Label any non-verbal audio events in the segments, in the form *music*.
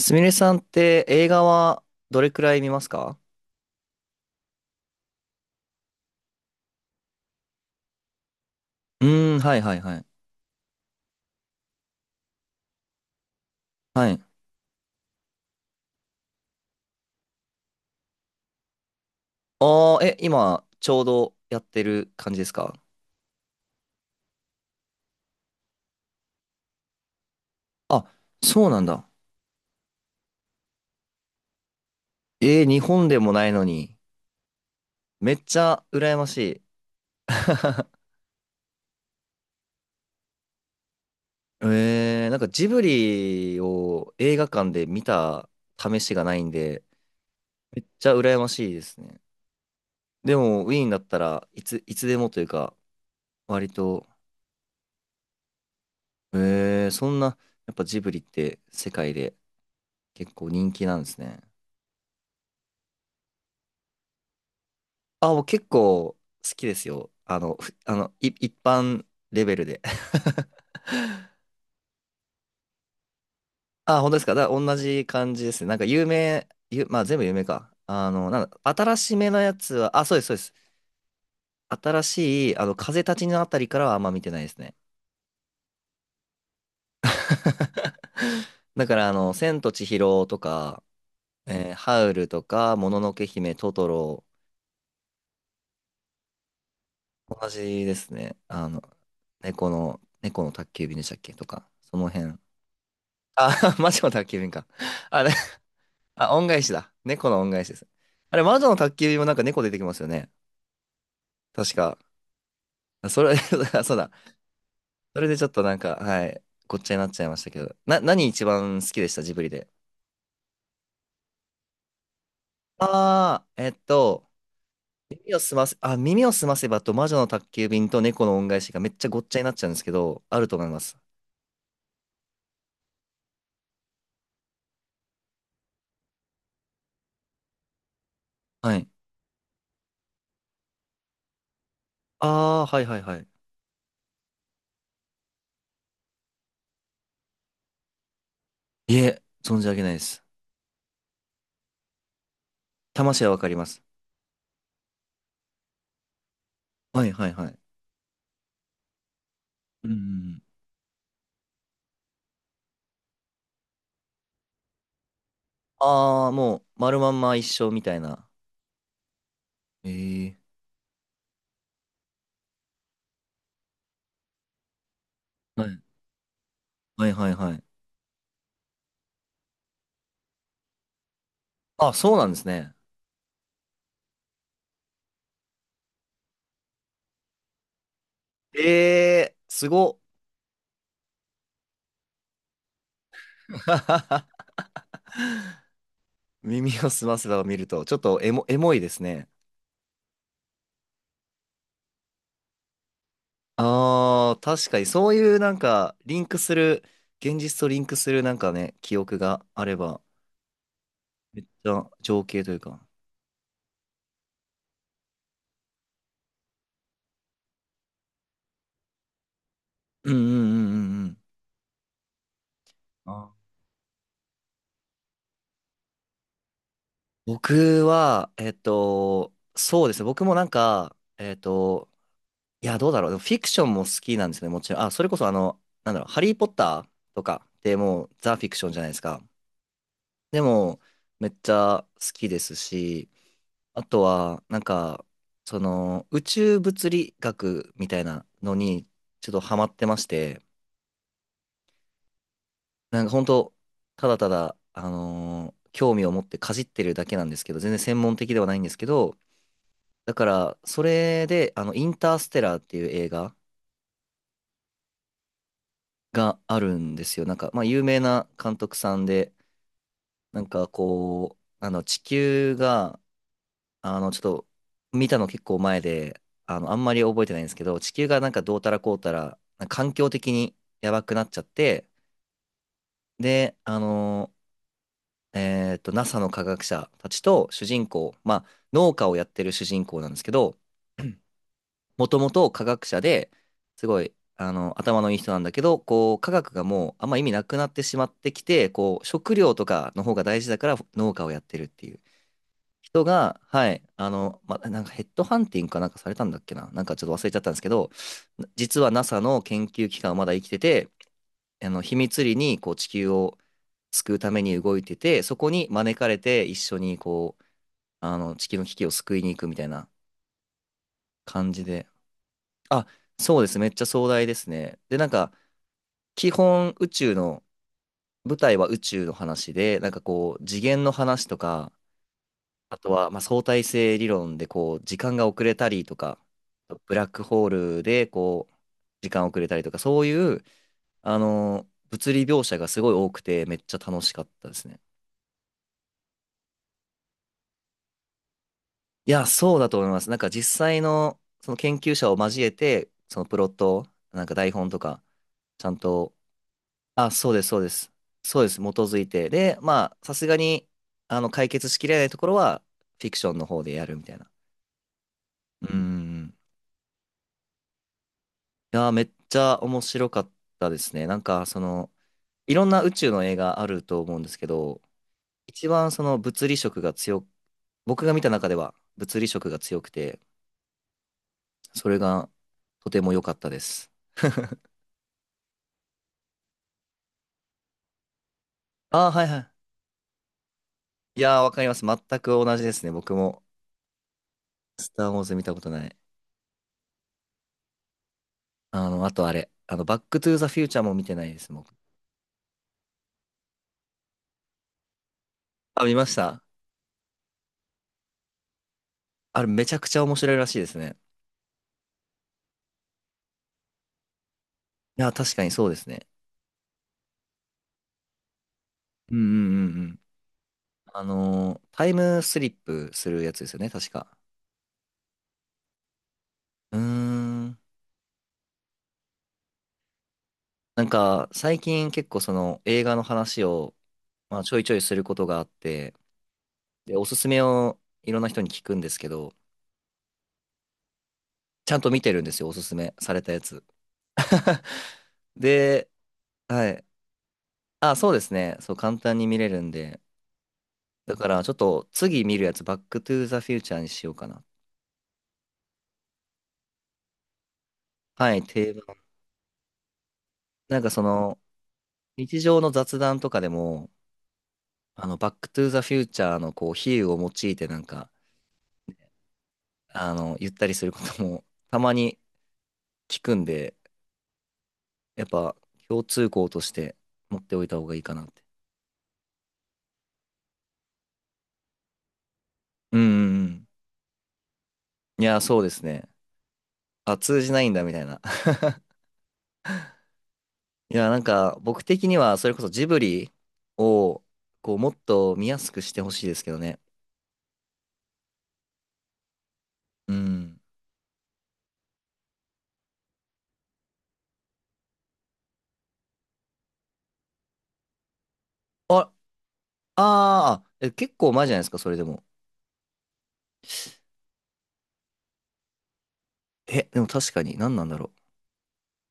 すみれさんって映画はどれくらい見ますか？はいはいはい。はい。ああ、え、今ちょうどやってる感じですか？あ、そうなんだ。日本でもないのに。めっちゃ羨ましい。*laughs* なんかジブリを映画館で見た試しがないんで、めっちゃ羨ましいですね。でも、ウィーンだったらいつでもというか、割と、えー、そんな、やっぱジブリって世界で結構人気なんですね。あ、もう結構好きですよ。あの、ふあの、い、一般レベルで。*laughs* あ、本当ですか。だから同じ感じですね。なんか有名、ゆ、まあ全部有名か。あの、なんだ、新しめのやつは、あ、そうです、そうです。新しい、あの、風立ちぬあたりからはあんま見てないですね。*laughs* だから、あの、千と千尋とか、ハウルとか、もののけ姫、トトロ、同じですね。あの、猫の宅急便でしたっけとか、その辺。あ、*laughs* マジの宅急便か。あ、あ、恩返しだ。猫の恩返しです。あれ、魔女の宅急便もなんか猫出てきますよね。確か。あそれ、*laughs* そうだ。それでちょっとなんか、はい、ごっちゃになっちゃいましたけど。何一番好きでしたジブリで？ああ、えっと、耳をすませばと魔女の宅急便と猫の恩返しがめっちゃごっちゃになっちゃうんですけど、あると思います。はい。ああ、はいはいはい。いえ、存じ上げないです。魂はわかります。はいはいはい。うんうんうん。ああ、もう、丸まんま一生みたいな。ええ。はいはいはいはい。あ、そうなんですね。えー、すごっ。*laughs* 耳をすませばを見ると、ちょっとエモいですね。ああ、確かにそういうなんか、リンクする、現実とリンクするなんかね、記憶があれば、めっちゃ情景というか。うんうんうんうんうん。あー僕は、えっと、そうですね。僕もなんか、えっと、いや、どうだろう。でもフィクションも好きなんですね、もちろん。あ、それこそあの、なんだろう、ハリー・ポッターとかってもうザ・フィクションじゃないですか。でも、めっちゃ好きですし、あとは、なんか、その、宇宙物理学みたいなのにちょっとハマってまして、なんか本当、ただただ、興味を持ってかじってるだけなんですけど、全然専門的ではないんですけど、だから、それで、あの、インターステラーっていう映画があるんですよ。なんか、まあ、有名な監督さんで、なんかこう、あの、地球が、あの、ちょっと、見たの結構前で、あの、あんまり覚えてないんですけど、地球がなんかどうたらこうたら、環境的にやばくなっちゃって、で、あの、えっと、NASA の科学者たちと主人公、まあ、農家をやってる主人公なんですけど、もともと科学者で、すごい、あの、頭のいい人なんだけど、こう、科学がもうあんま意味なくなってしまってきて、こう、食料とかの方が大事だから農家をやってるっていう。人が、はい、あの、ま、なんかヘッドハンティングかなんかされたんだっけな、なんかちょっと忘れちゃったんですけど、実は NASA の研究機関はまだ生きてて、あの秘密裏にこう地球を救うために動いてて、そこに招かれて一緒にこう、あの地球の危機を救いに行くみたいな感じで。あ、そうです、めっちゃ壮大ですね。で、なんか、基本宇宙の、舞台は宇宙の話で、なんかこう、次元の話とか、あとは、まあ、相対性理論でこう時間が遅れたりとか、ブラックホールでこう時間遅れたりとか、そういうあの物理描写がすごい多くてめっちゃ楽しかったですね。いや、そうだと思います。なんか実際のその研究者を交えて、そのプロットを、なんか台本とか、ちゃんと、あ、そうです、そうです。そうです、基づいて。で、まあ、さすがに、あの、解決しきれないところは、フィクションの方でやるみたいな。うん。やー、めっちゃ面白かったですね。なんか、その、いろんな宇宙の映画あると思うんですけど、一番その物理色が強く、僕が見た中では物理色が強くて、それがとても良かったです。ああ、はいはい。いやー、わかります。全く同じですね。僕も、スター・ウォーズ見たことない。あの、あとあれ、あの、バック・トゥ・ザ・フューチャーも見てないです、僕。あ、見ました。あれ、めちゃくちゃ面白いらしいですね。いやー、確かにそうですね。うんうんうんうん。あのー、タイムスリップするやつですよね、確か。うーん。なんか、最近結構その映画の話を、まあ、ちょいちょいすることがあって、で、おすすめをいろんな人に聞くんですけど、ちゃんと見てるんですよ、おすすめされたやつ。*laughs* で、はい。あ、そうですね。そう、簡単に見れるんで。だから、ちょっと次見るやつ、バックトゥーザフューチャーにしようかな。はい、定番。なんかその、日常の雑談とかでも、あの、バックトゥーザフューチャーのこう、比喩を用いてなんか、あの、言ったりすることも *laughs* たまに聞くんで、やっぱ共通項として持っておいた方がいいかなって。うんうんうん。いや、そうですね。あ、通じないんだみたいな。*laughs* いや、なんか僕的にはそれこそジブリをこう、もっと見やすくしてほしいですけどね。うん。あ、あーえ、結構前じゃないですか、それでも。え、でも確かに何なんだろう。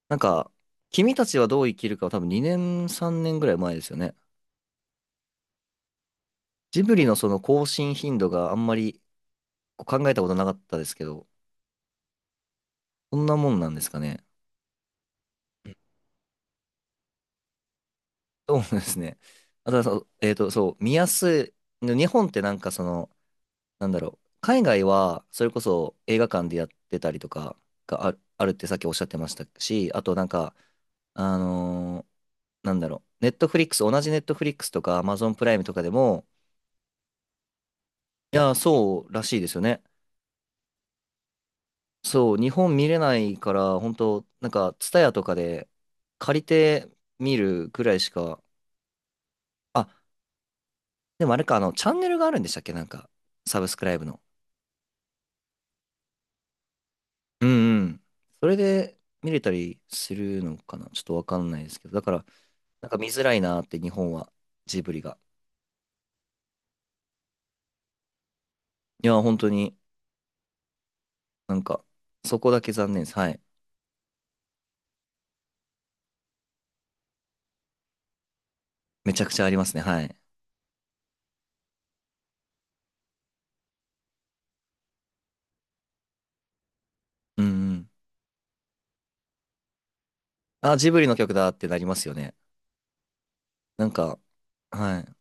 なんか、君たちはどう生きるかは多分2年、3年ぐらい前ですよね。ジブリのその更新頻度があんまりこう考えたことなかったですけど、そんなもんなんですかね。そうですね。あとは見やすい。日本ってなんかその、なんだろう。海外は、それこそ映画館でやってたりとかがある、あるってさっきおっしゃってましたし、あとなんか、あのーなんだろう。ネットフリックス、同じネットフリックスとかアマゾンプライムとかでも、いやそうらしいですよね。そう、日本見れないから、本当なんか、ツタヤとかで借りて見るくらいしか、あ、でもあれか、あの、チャンネルがあるんでしたっけなんか、サブスクライブの。うんうん。それで見れたりするのかなちょっとわかんないですけど。だから、なんか見づらいなーって、日本は、ジブリが。いや、本当に、なんか、そこだけ残念です。はい。めちゃくちゃありますね。はい。うんうん。あ、ジブリの曲だってなりますよね。なんか、はい。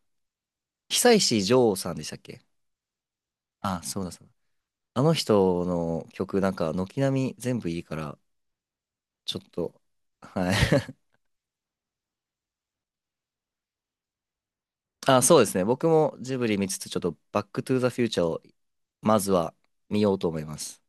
久石譲さんでしたっけ？あ、そうだそうだ。あの人の曲なんか軒並み全部いいから、ちょっと、はい。*laughs* あ、そうですね。僕もジブリ見つつ、ちょっとバックトゥーザフューチャーをまずは見ようと思います。